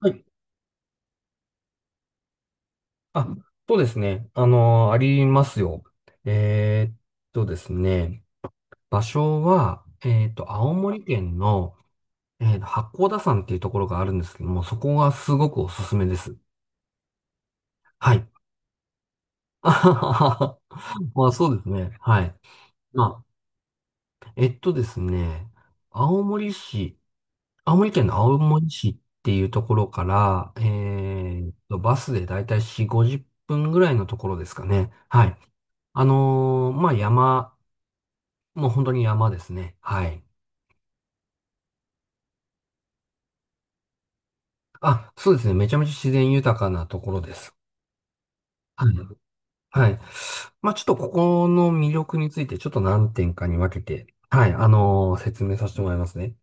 はい。あ、そうですね。ありますよ。えーっですね、場所は、青森県の、八甲田山っていうところがあるんですけども、そこがすごくおすすめです。はい。あはははまあ、そうですね。はい。まあ、えっとですね、青森市、青森県の青森市っていうところから、バスでだいたい4、50分ぐらいのところですかね。はい。まあ、もう本当に山ですね。はい。あ、そうですね。めちゃめちゃ自然豊かなところです。はい。はい。まあちょっとここの魅力についてちょっと何点かに分けて、はい、説明させてもらいますね。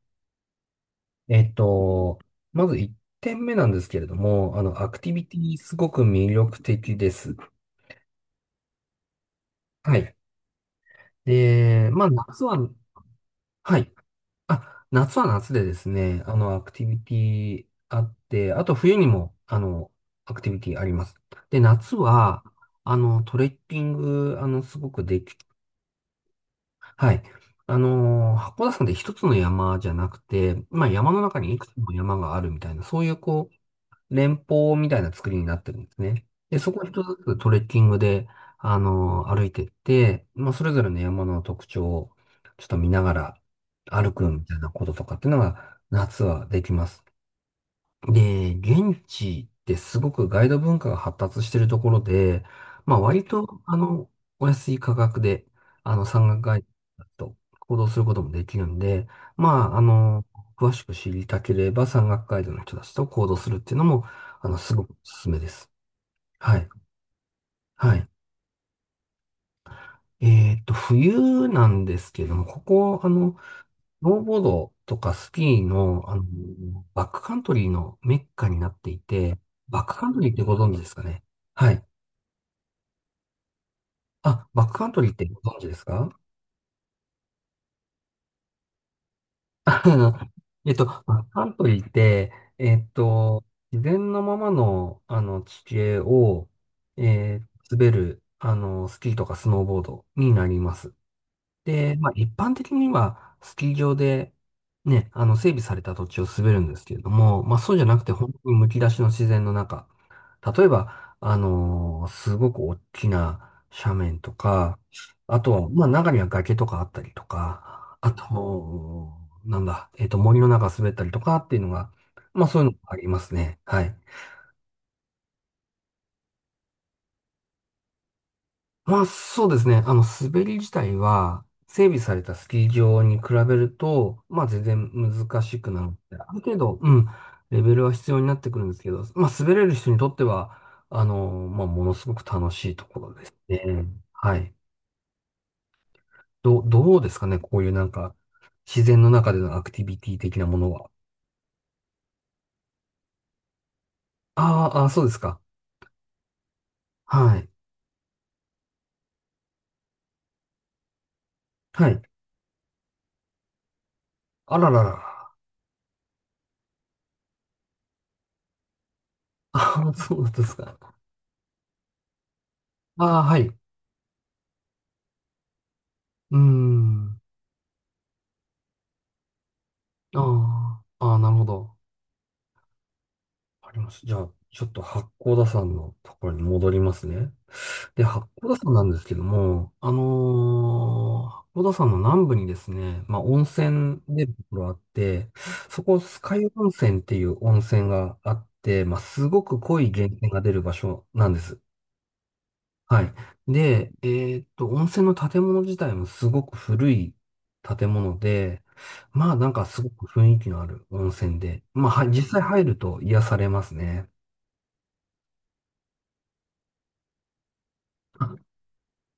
えっと、まず1点目なんですけれども、アクティビティすごく魅力的です。はい。で、まあ夏は、はい。あ、夏は夏でですね、アクティビティあって、あと冬にも、アクティビティあります。で、夏は、トレッキング、すごくでき、はい。函館山で一つの山じゃなくて、まあ山の中にいくつも山があるみたいな、そういうこう、連峰みたいな作りになってるんですね。で、そこを一つずつトレッキングで、歩いてって、まあ、それぞれの山の特徴をちょっと見ながら歩くみたいなこととかっていうのが夏はできます。で、現地ってすごくガイド文化が発達しているところで、まあ割と、お安い価格で、山岳ガイドだと行動することもできるんで、まあ、詳しく知りたければ山岳ガイドの人たちと行動するっていうのも、すごくおすすめです。はい。はい。冬なんですけども、ここ、スノーボードとかスキーの、バックカントリーのメッカになっていて、バックカントリーってご存知ですかね？はい。あ、バックカントリーってご存知ですか？あの、バックカントリーって、えっと、自然のままの、地形を、滑る、スキーとかスノーボードになります。で、まあ、一般的には、スキー場で、ね、整備された土地を滑るんですけれども、まあ、そうじゃなくて、本当にむき出しの自然の中。例えば、すごく大きな斜面とか、あとは、まあ、中には崖とかあったりとか、あと、なんだ、森の中滑ったりとかっていうのが、まあ、そういうのがありますね。はい。まあそうですね。滑り自体は、整備されたスキー場に比べると、まあ全然難しくなるので、ある程度、うん、レベルは必要になってくるんですけど、まあ滑れる人にとっては、まあものすごく楽しいところですね。はい。どうですかね、こういうなんか、自然の中でのアクティビティ的なものは？あーあー、そうですか。はい。はい。あらららら。ああ、そうですか。ああ、はい。うーん。ああ、ああ、なるほど。あります。じゃあ、ちょっと八甲田山のところに戻りますね。で、八甲田山なんですけども、八甲田山の南部にですね、まあ、温泉出るところあって、そこ、酸ヶ湯温泉っていう温泉があって、まあ、すごく濃い源泉が出る場所なんです。はい。で、温泉の建物自体もすごく古い建物で、まあ、なんかすごく雰囲気のある温泉で、まあ、はい、実際入ると癒されますね。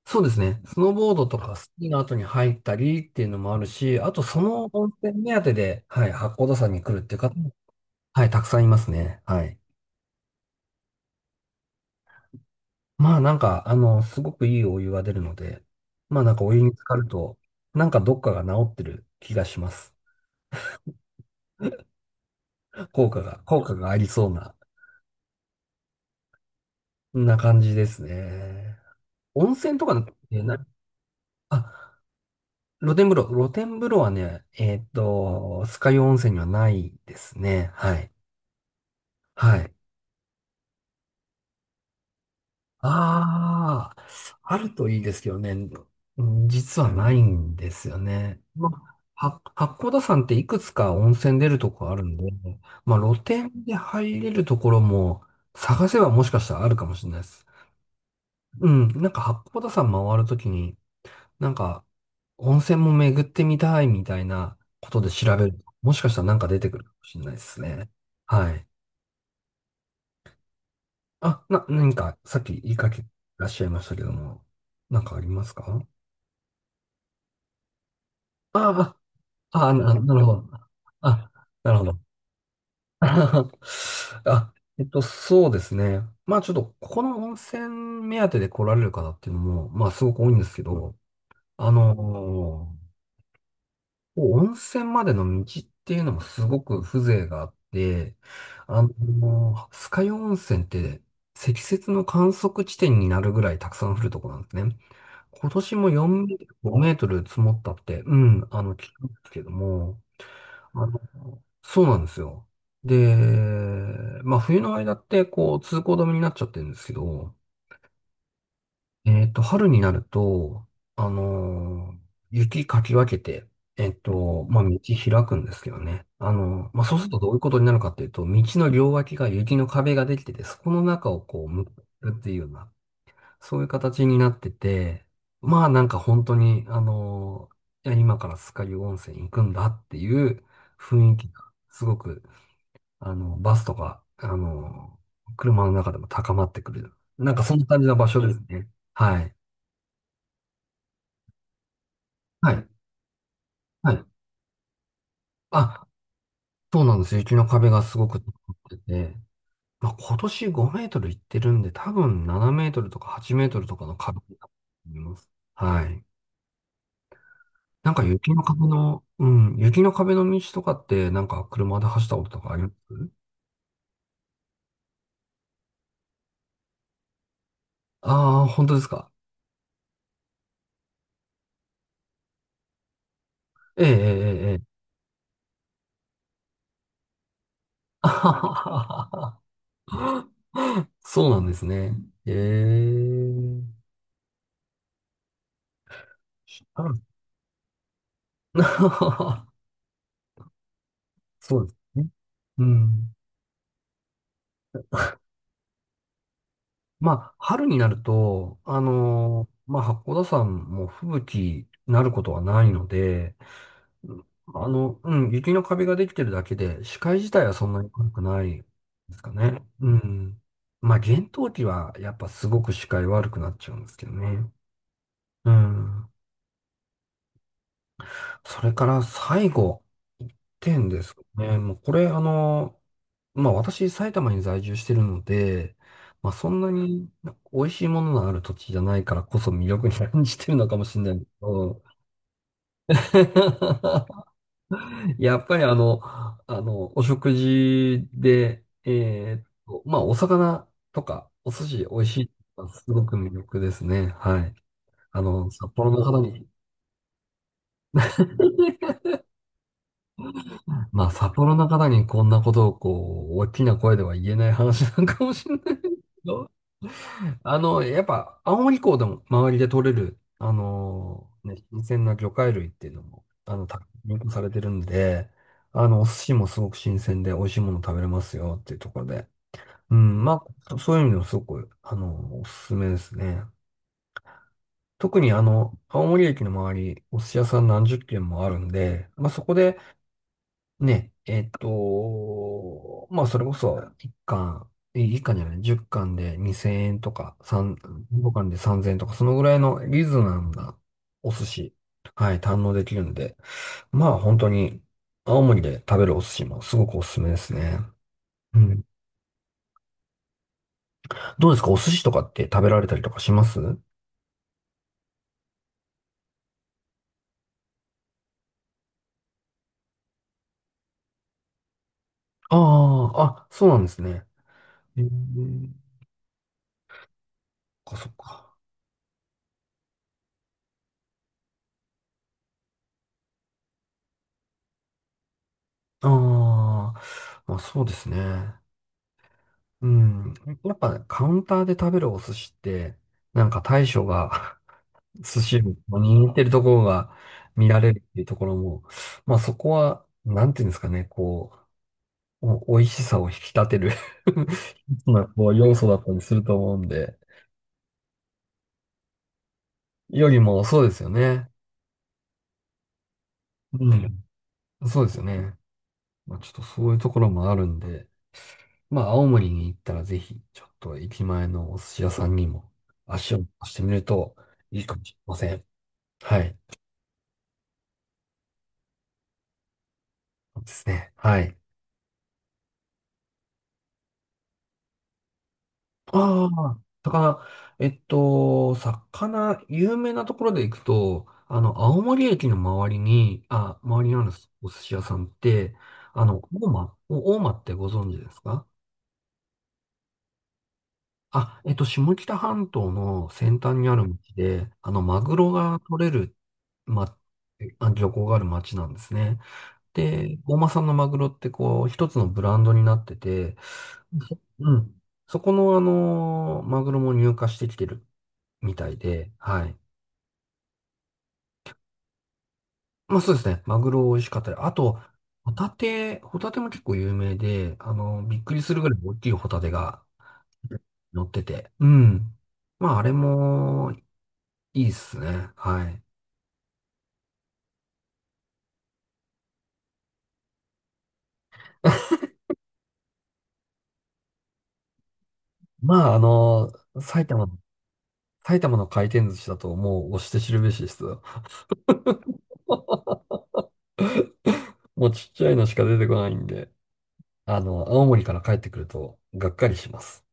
そうですね。スノーボードとかスキーの後に入ったりっていうのもあるし、あとその温泉目当てで、はい、八甲田山に来るっていう方も、はい、たくさんいますね。はい。まあなんか、すごくいいお湯が出るので、まあなんかお湯に浸かると、なんかどっかが治ってる気がします。効果がありそうな、感じですね。温泉とかってな、なあ、露天風呂はね、酸ヶ湯温泉にはないですね。はい。はい。ああ、あるといいですけどね、うん、実はないんですよね。まあ、八甲田山っていくつか温泉出るとこあるんで、まあ、露天で入れるところも探せばもしかしたらあるかもしれないです。うん、なんか八甲田山回るときに、なんか温泉も巡ってみたいみたいなことで調べると、もしかしたらなんか出てくるかもしれないですね。はい。あ、何かさっき言いかけていらっしゃいましたけども、なんかありますか？ああ、あ、なるほど。あ、なるほど。あ、そうですね。まあちょっと、ここの温泉目当てで来られる方っていうのも、まあすごく多いんですけど、あのーこう温泉までの道っていうのもすごく風情があって、あの酸ヶ湯温泉って積雪の観測地点になるぐらいたくさん降るとこなんですね。今年も4メートル、5メートル積もったって、うん、聞くんですけども、そうなんですよ。で、まあ冬の間ってこう通行止めになっちゃってるんですけど、春になると、あのー雪かき分けて、まあ道開くんですけどね。まあそうするとどういうことになるかっていうと、道の両脇が雪の壁ができてて、そこの中をこう向くっていうような、そういう形になってて、まあなんか本当に、いや今から酸ヶ湯温泉行くんだっていう雰囲気がすごくバスとか、車の中でも高まってくる。なんかそんな感じの場所ですね。はい。はい。はい。あ、そうなんです。雪の壁がすごく高まってて、まあ、今年5メートルいってるんで、多分7メートルとか8メートルとかの壁だと思います。はい。なんか雪の壁の、うん、雪の壁の道とかって、なんか車で走ったこととかあります？ああー、本当ですか。ええ、ええ、ええ。あはははは そうなんですね。ええ。うん そうですね。うん。まあ、春になると、まあ、八甲田山も吹雪になることはないので、うん、うん、雪の壁ができてるだけで、視界自体はそんなに悪くないですかね。うん。まあ、厳冬期はやっぱすごく視界悪くなっちゃうんですけどね。うん。それから最後、一点ですね。もうこれ、まあ私、埼玉に在住してるので、まあそんなに美味しいもののある土地じゃないからこそ魅力に感じてるのかもしれないけど、やっぱりお食事で、まあお魚とかお寿司美味しいのはすごく魅力ですね。はい。札幌の方に。まあ、札幌の方にこんなことをこう、大きな声では言えない話なんかもしれないけど、やっぱ、青森港でも周りで取れる、ね、新鮮な魚介類っていうのも、入荷されてるんで、お寿司もすごく新鮮で美味しいもの食べれますよっていうところで、うん、まあ、そういう意味でもすごく、おすすめですね。特に青森駅の周り、お寿司屋さん何十軒もあるんで、まあそこで、ね、まあ、それこそ、1巻、え1じゃない、10巻で2000円とか、3、5貫で3000円とか、そのぐらいのリーズナブルなお寿司、はい、堪能できるんで、まあ、本当に、青森で食べるお寿司もすごくおすすめですね。うん。どうですか？お寿司とかって食べられたりとかします？ああ、あ、そうなんですね。えー、そっかそっか。ああ、まあそうですね。うん。やっぱねカウンターで食べるお寿司って、なんか大将が 寿司を握ってるところが見られるっていうところも、まあそこは、なんていうんですかね、こう、お美味しさを引き立てる まなこう要素だったりすると思うんで、よりもそうですよね。うん。そうですよね。まあちょっとそういうところもあるんで、まあ青森に行ったらぜひ、ちょっと駅前のお寿司屋さんにも足を出してみるといいかもしれません。はい。そうですね。はい。ああ、魚、有名なところで行くと、青森駅の周りにあるお寿司屋さんって、お大間ってご存知ですか？下北半島の先端にある町で、マグロが取れる、ま、漁港がある町なんですね。で、大間産のマグロってこう、一つのブランドになってて、そうん。そこのあのマグロも入荷してきてるみたいで、はい。まあそうですね。マグロ美味しかったり。あと、ホタテも結構有名で、びっくりするぐらい大きいホタテが乗ってて。うん。まああれもいいっすね。はい。まあ、埼玉の、埼玉の回転寿司だともう推して知るべしですよ。もうちっちゃいのしか出てこないんで。青森から帰ってくると、がっかりします。